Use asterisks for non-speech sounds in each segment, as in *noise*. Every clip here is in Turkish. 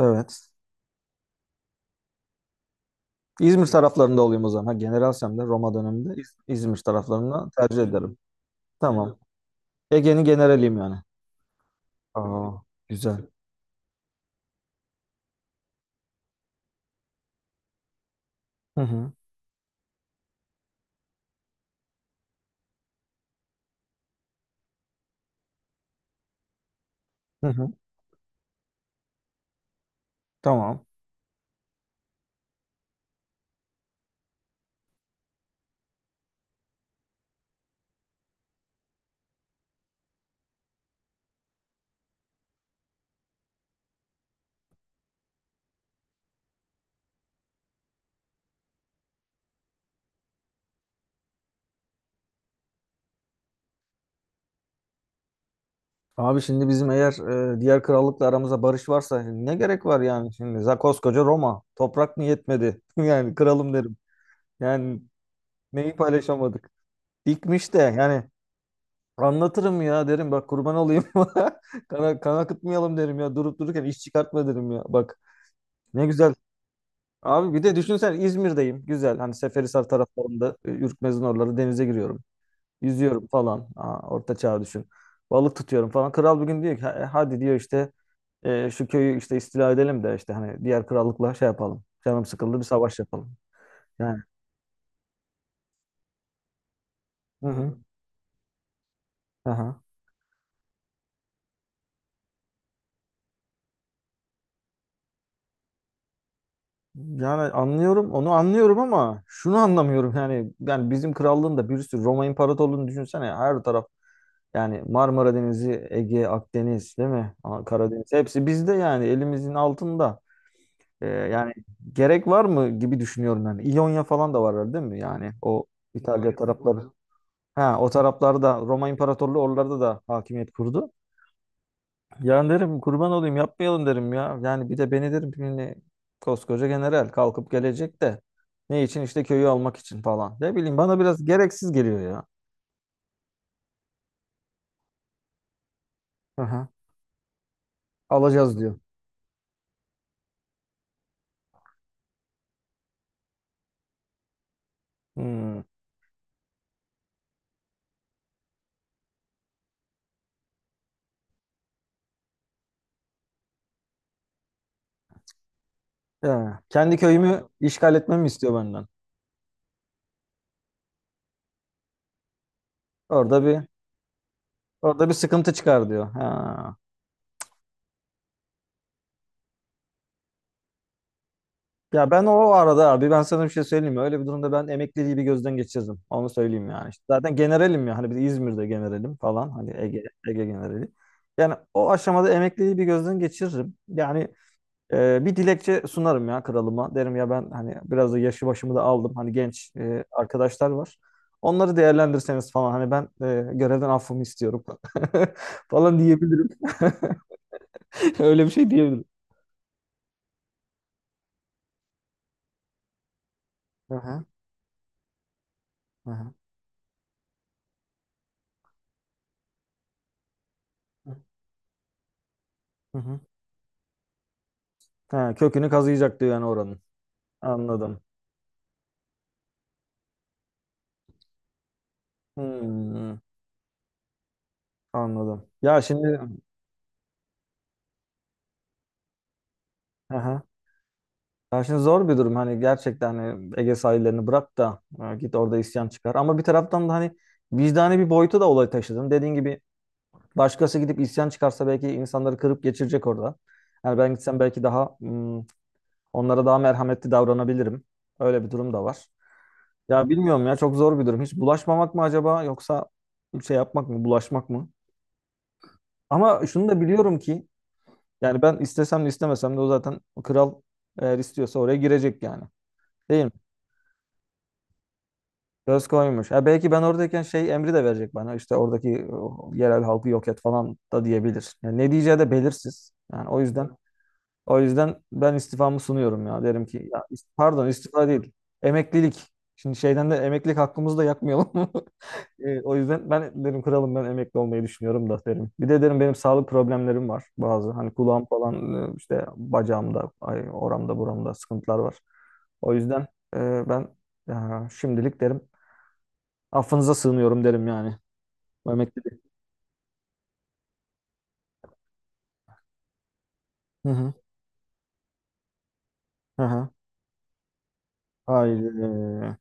Evet. İzmir taraflarında olayım o zaman. Ha, generalsem de Roma döneminde İzmir taraflarını tercih ederim. Tamam. Ege'nin generaliyim yani. Aa, güzel. Hı hı. Hı hı. Tamam. Abi şimdi bizim eğer diğer krallıkla aramızda barış varsa ne gerek var yani şimdi? Koskoca Roma. Toprak mı yetmedi? *laughs* Yani kralım derim. Yani neyi paylaşamadık? Dikmiş de yani anlatırım ya derim bak kurban olayım. *laughs* Kan akıtmayalım derim ya durup dururken iş çıkartma derim ya bak. Ne güzel. Abi bir de düşünsen İzmir'deyim. Güzel. Hani Seferihisar taraflarında Ürkmez'in oraları denize giriyorum. Yüzüyorum falan. Aa, orta çağ düşün. Balık tutuyorum falan. Kral bir gün diyor ki hadi diyor işte şu köyü işte istila edelim de işte hani diğer krallıkla şey yapalım. Canım sıkıldı bir savaş yapalım. Yani. Hı hı. Aha. Yani anlıyorum onu anlıyorum ama şunu anlamıyorum yani bizim krallığın da bir sürü Roma İmparatorluğu'nu düşünsene her taraf. Yani Marmara Denizi, Ege, Akdeniz değil mi? Aa, Karadeniz hepsi bizde yani elimizin altında. Yani gerek var mı gibi düşünüyorum yani. İonya falan da var değil mi? Yani o İtalya tarafları. Ha, o taraflarda Roma İmparatorluğu oralarda da hakimiyet kurdu. Yani derim kurban olayım yapmayalım derim ya. Yani bir de beni derim yani koskoca general kalkıp gelecek de ne için işte köyü almak için falan. Ne bileyim bana biraz gereksiz geliyor ya. Hı hı. Alacağız diyor. Hmm. Ya, kendi köyümü işgal etmemi istiyor benden. Orada bir orada bir sıkıntı çıkar diyor. Ha. Ya ben o arada abi ben sana bir şey söyleyeyim mi? Öyle bir durumda ben emekliliği bir gözden geçirdim. Onu söyleyeyim yani. İşte zaten generalim ya. Hani biz İzmir'de generalim falan. Hani Ege generali. Yani o aşamada emekliliği bir gözden geçiririm. Yani bir dilekçe sunarım ya kralıma. Derim ya ben hani biraz da yaşı başımı da aldım. Hani genç arkadaşlar var. Onları değerlendirseniz falan hani ben görevden affımı istiyorum *laughs* falan diyebilirim. *laughs* Öyle bir şey diyebilirim. Hı hı, hı hı. Ha, kökünü kazıyacak diyor yani oranın. Anladım. Hmm, anladım. Ya şimdi Hı. Ya şimdi zor bir durum hani gerçekten hani Ege sahillerini bırak da git orada isyan çıkar. Ama bir taraftan da hani vicdani bir boyutu da olay taşıdın. Dediğin gibi, başkası gidip isyan çıkarsa belki insanları kırıp geçirecek orada. Yani ben gitsem belki daha onlara daha merhametli davranabilirim. Öyle bir durum da var. Ya bilmiyorum ya çok zor bir durum. Hiç bulaşmamak mı acaba yoksa şey yapmak mı, bulaşmak mı? Ama şunu da biliyorum ki yani ben istesem de istemesem de o zaten o kral eğer istiyorsa oraya girecek yani. Değil mi? Göz koymuş. Ya belki ben oradayken şey emri de verecek bana. İşte oradaki yerel halkı yok et falan da diyebilir. Yani ne diyeceği de belirsiz. Yani o yüzden ben istifamı sunuyorum ya. Derim ki ya pardon istifa değil. Emeklilik. Şimdi şeyden de emeklilik hakkımızı da yakmayalım. *laughs* O yüzden ben derim kralım ben emekli olmayı düşünüyorum da derim. Bir de derim benim sağlık problemlerim var bazı. Hani kulağım falan işte bacağımda, ay, oramda buramda sıkıntılar var. O yüzden ben şimdilik derim affınıza sığınıyorum derim yani. Bu emeklilik. Hı hı. Hı hı. Haydi.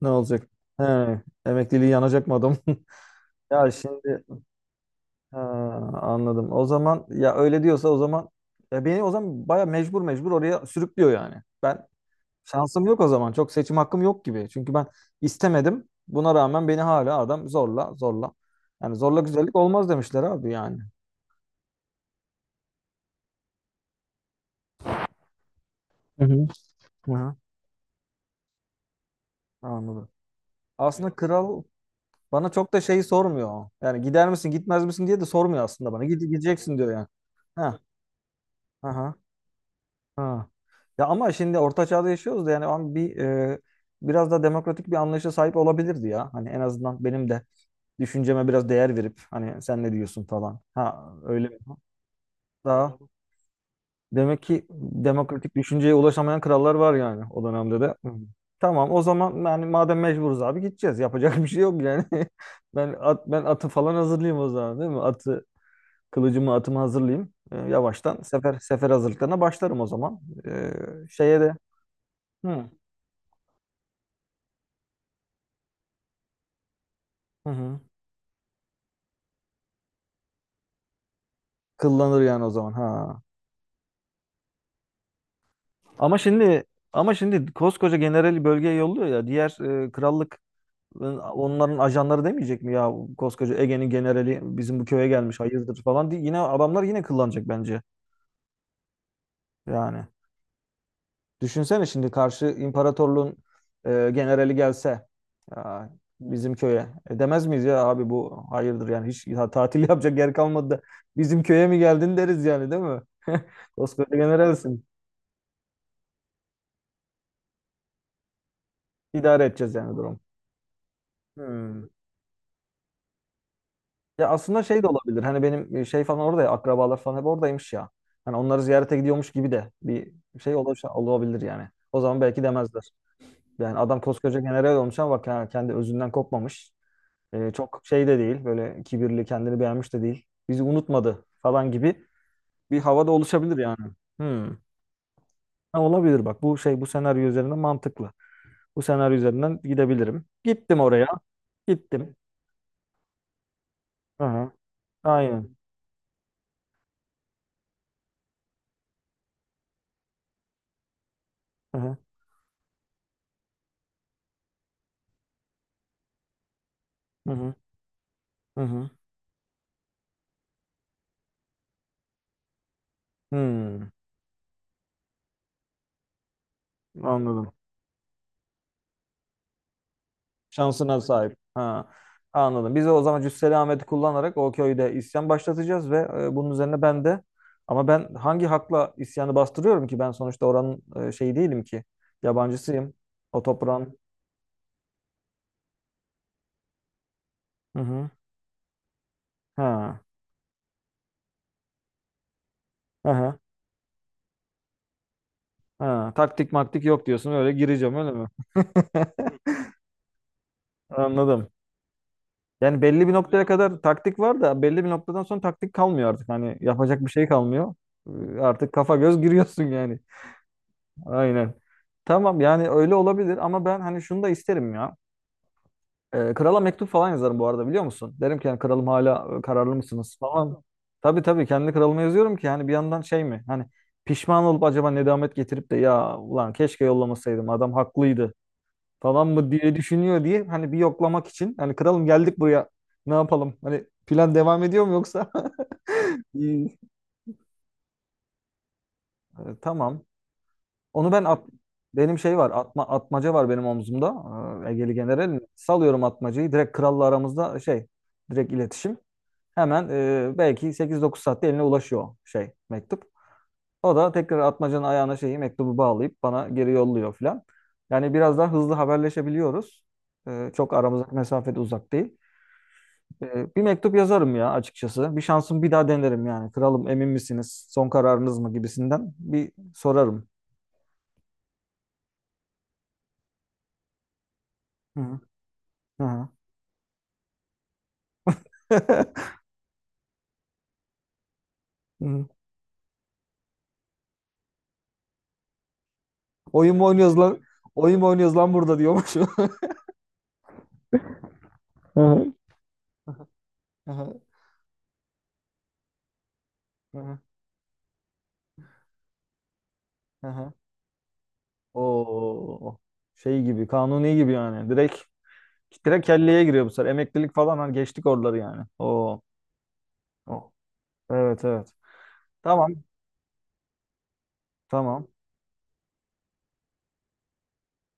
Ne olacak? He, emekliliği yanacak mı adam? *laughs* Ya şimdi Ha, anladım. O zaman ya öyle diyorsa o zaman ya beni o zaman baya mecbur mecbur oraya sürüklüyor yani. Ben şansım yok o zaman. Çok seçim hakkım yok gibi. Çünkü ben istemedim. Buna rağmen beni hala adam zorla zorla. Yani zorla güzellik olmaz demişler abi yani. Hı hı. Hı hı. Anladım. Aslında kral bana çok da şeyi sormuyor. Yani gider misin gitmez misin diye de sormuyor aslında bana. Gideceksin diyor yani. Ha. Aha. Ha. Ya ama şimdi orta çağda yaşıyoruz da yani ama biraz da demokratik bir anlayışa sahip olabilirdi ya. Hani en azından benim de düşünceme biraz değer verip hani sen ne diyorsun falan. Ha öyle mi? Daha Demek ki demokratik düşünceye ulaşamayan krallar var yani o dönemde de. Hı. Tamam o zaman yani madem mecburuz abi gideceğiz. Yapacak bir şey yok yani. *laughs* Ben atı falan hazırlayayım o zaman değil mi? Atı kılıcımı atımı hazırlayayım. Yavaştan sefer hazırlıklarına başlarım o zaman. E, Şeye de. Hı. Hı hı. Kıllanır yani o zaman. Ha. Ama şimdi ama şimdi koskoca generali bölgeye yolluyor ya. Diğer krallık onların ajanları demeyecek mi ya koskoca Ege'nin generali bizim bu köye gelmiş hayırdır falan diye yine adamlar yine kıllanacak bence. Yani düşünsene şimdi karşı imparatorluğun generali gelse ya, bizim köye demez miyiz ya abi bu hayırdır yani hiç ya, tatil *laughs* yapacak yer kalmadı da bizim köye mi geldin deriz yani değil mi? *laughs* Koskoca generalsin. İdare edeceğiz yani durumu. Hmm. Ya aslında şey de olabilir. Hani benim şey falan orada ya akrabalar falan hep oradaymış ya. Hani onları ziyarete gidiyormuş gibi de bir şey olabilir, olabilir yani. O zaman belki demezler. Yani adam koskoca general olmuş ama bak ya, kendi özünden kopmamış. Çok şey de değil. Böyle kibirli, kendini beğenmiş de değil. Bizi unutmadı falan gibi bir hava da oluşabilir yani. Hmm. Ha, olabilir bak. Bu senaryo üzerinden mantıklı. Bu senaryo üzerinden gidebilirim. Gittim oraya. Gittim. Aha. Aynen. Aha. Hı hı. Hı hı. Hmm. Anladım. Şansına sahip. Ha, anladım. Biz de o zaman Cüsseli Ahmet'i kullanarak o köyde isyan başlatacağız ve bunun üzerine ben de ama ben hangi hakla isyanı bastırıyorum ki? Ben sonuçta oranın şeyi değilim ki. Yabancısıyım. O toprağın. Hı hı. Ha. Hı hı. Ha. Taktik maktik yok diyorsun. Öyle gireceğim öyle mi? *laughs* Anladım. Yani belli bir noktaya kadar taktik var da belli bir noktadan sonra taktik kalmıyor artık. Hani yapacak bir şey kalmıyor. Artık kafa göz giriyorsun yani. Aynen. Tamam yani öyle olabilir ama ben hani şunu da isterim ya. Krala mektup falan yazarım bu arada biliyor musun? Derim ki yani kralım hala kararlı mısınız falan. Tabii tabii kendi kralıma yazıyorum ki hani bir yandan şey mi? Hani pişman olup acaba nedamet getirip de ya ulan keşke yollamasaydım adam haklıydı falan mı diye düşünüyor diye hani bir yoklamak için. Hani kralım geldik buraya ne yapalım? Hani plan devam ediyor mu yoksa? *laughs* İyi. Tamam. Onu ben at, Benim şey var, atmaca var benim omzumda. Egeli General. Salıyorum atmacayı. Direkt kralla aramızda şey, direkt iletişim. Hemen belki 8-9 saatte eline ulaşıyor şey mektup. O da tekrar atmacanın ayağına şeyi mektubu bağlayıp bana geri yolluyor filan. Yani biraz daha hızlı haberleşebiliyoruz. Çok aramızdaki mesafede uzak değil. Bir mektup yazarım ya açıkçası. Bir şansım bir daha denerim yani. Kralım emin misiniz? Son kararınız mı gibisinden bir sorarım. Hı hı. Hı hı. *laughs* Hı. Oyun mu oynuyoruz lan? Oyun mu oynuyoruz lan burada diyormuş. *laughs* Hı hı. Aha, aha, aha. Oo. Şey gibi, kanuni gibi yani. Direkt direkt kelleye giriyor bu sefer. Emeklilik falan hani geçtik oraları yani. Oo. Oo. Evet, evet. Tamam, tamam.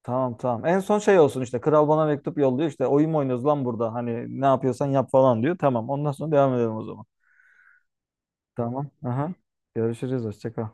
Tamam, tamam. En son şey olsun işte. Kral bana mektup yolluyor. İşte oyun mu oynuyoruz lan burada? Hani ne yapıyorsan yap falan diyor. Tamam. Ondan sonra devam edelim o zaman. Tamam. Aha. Görüşürüz. Hoşça kal.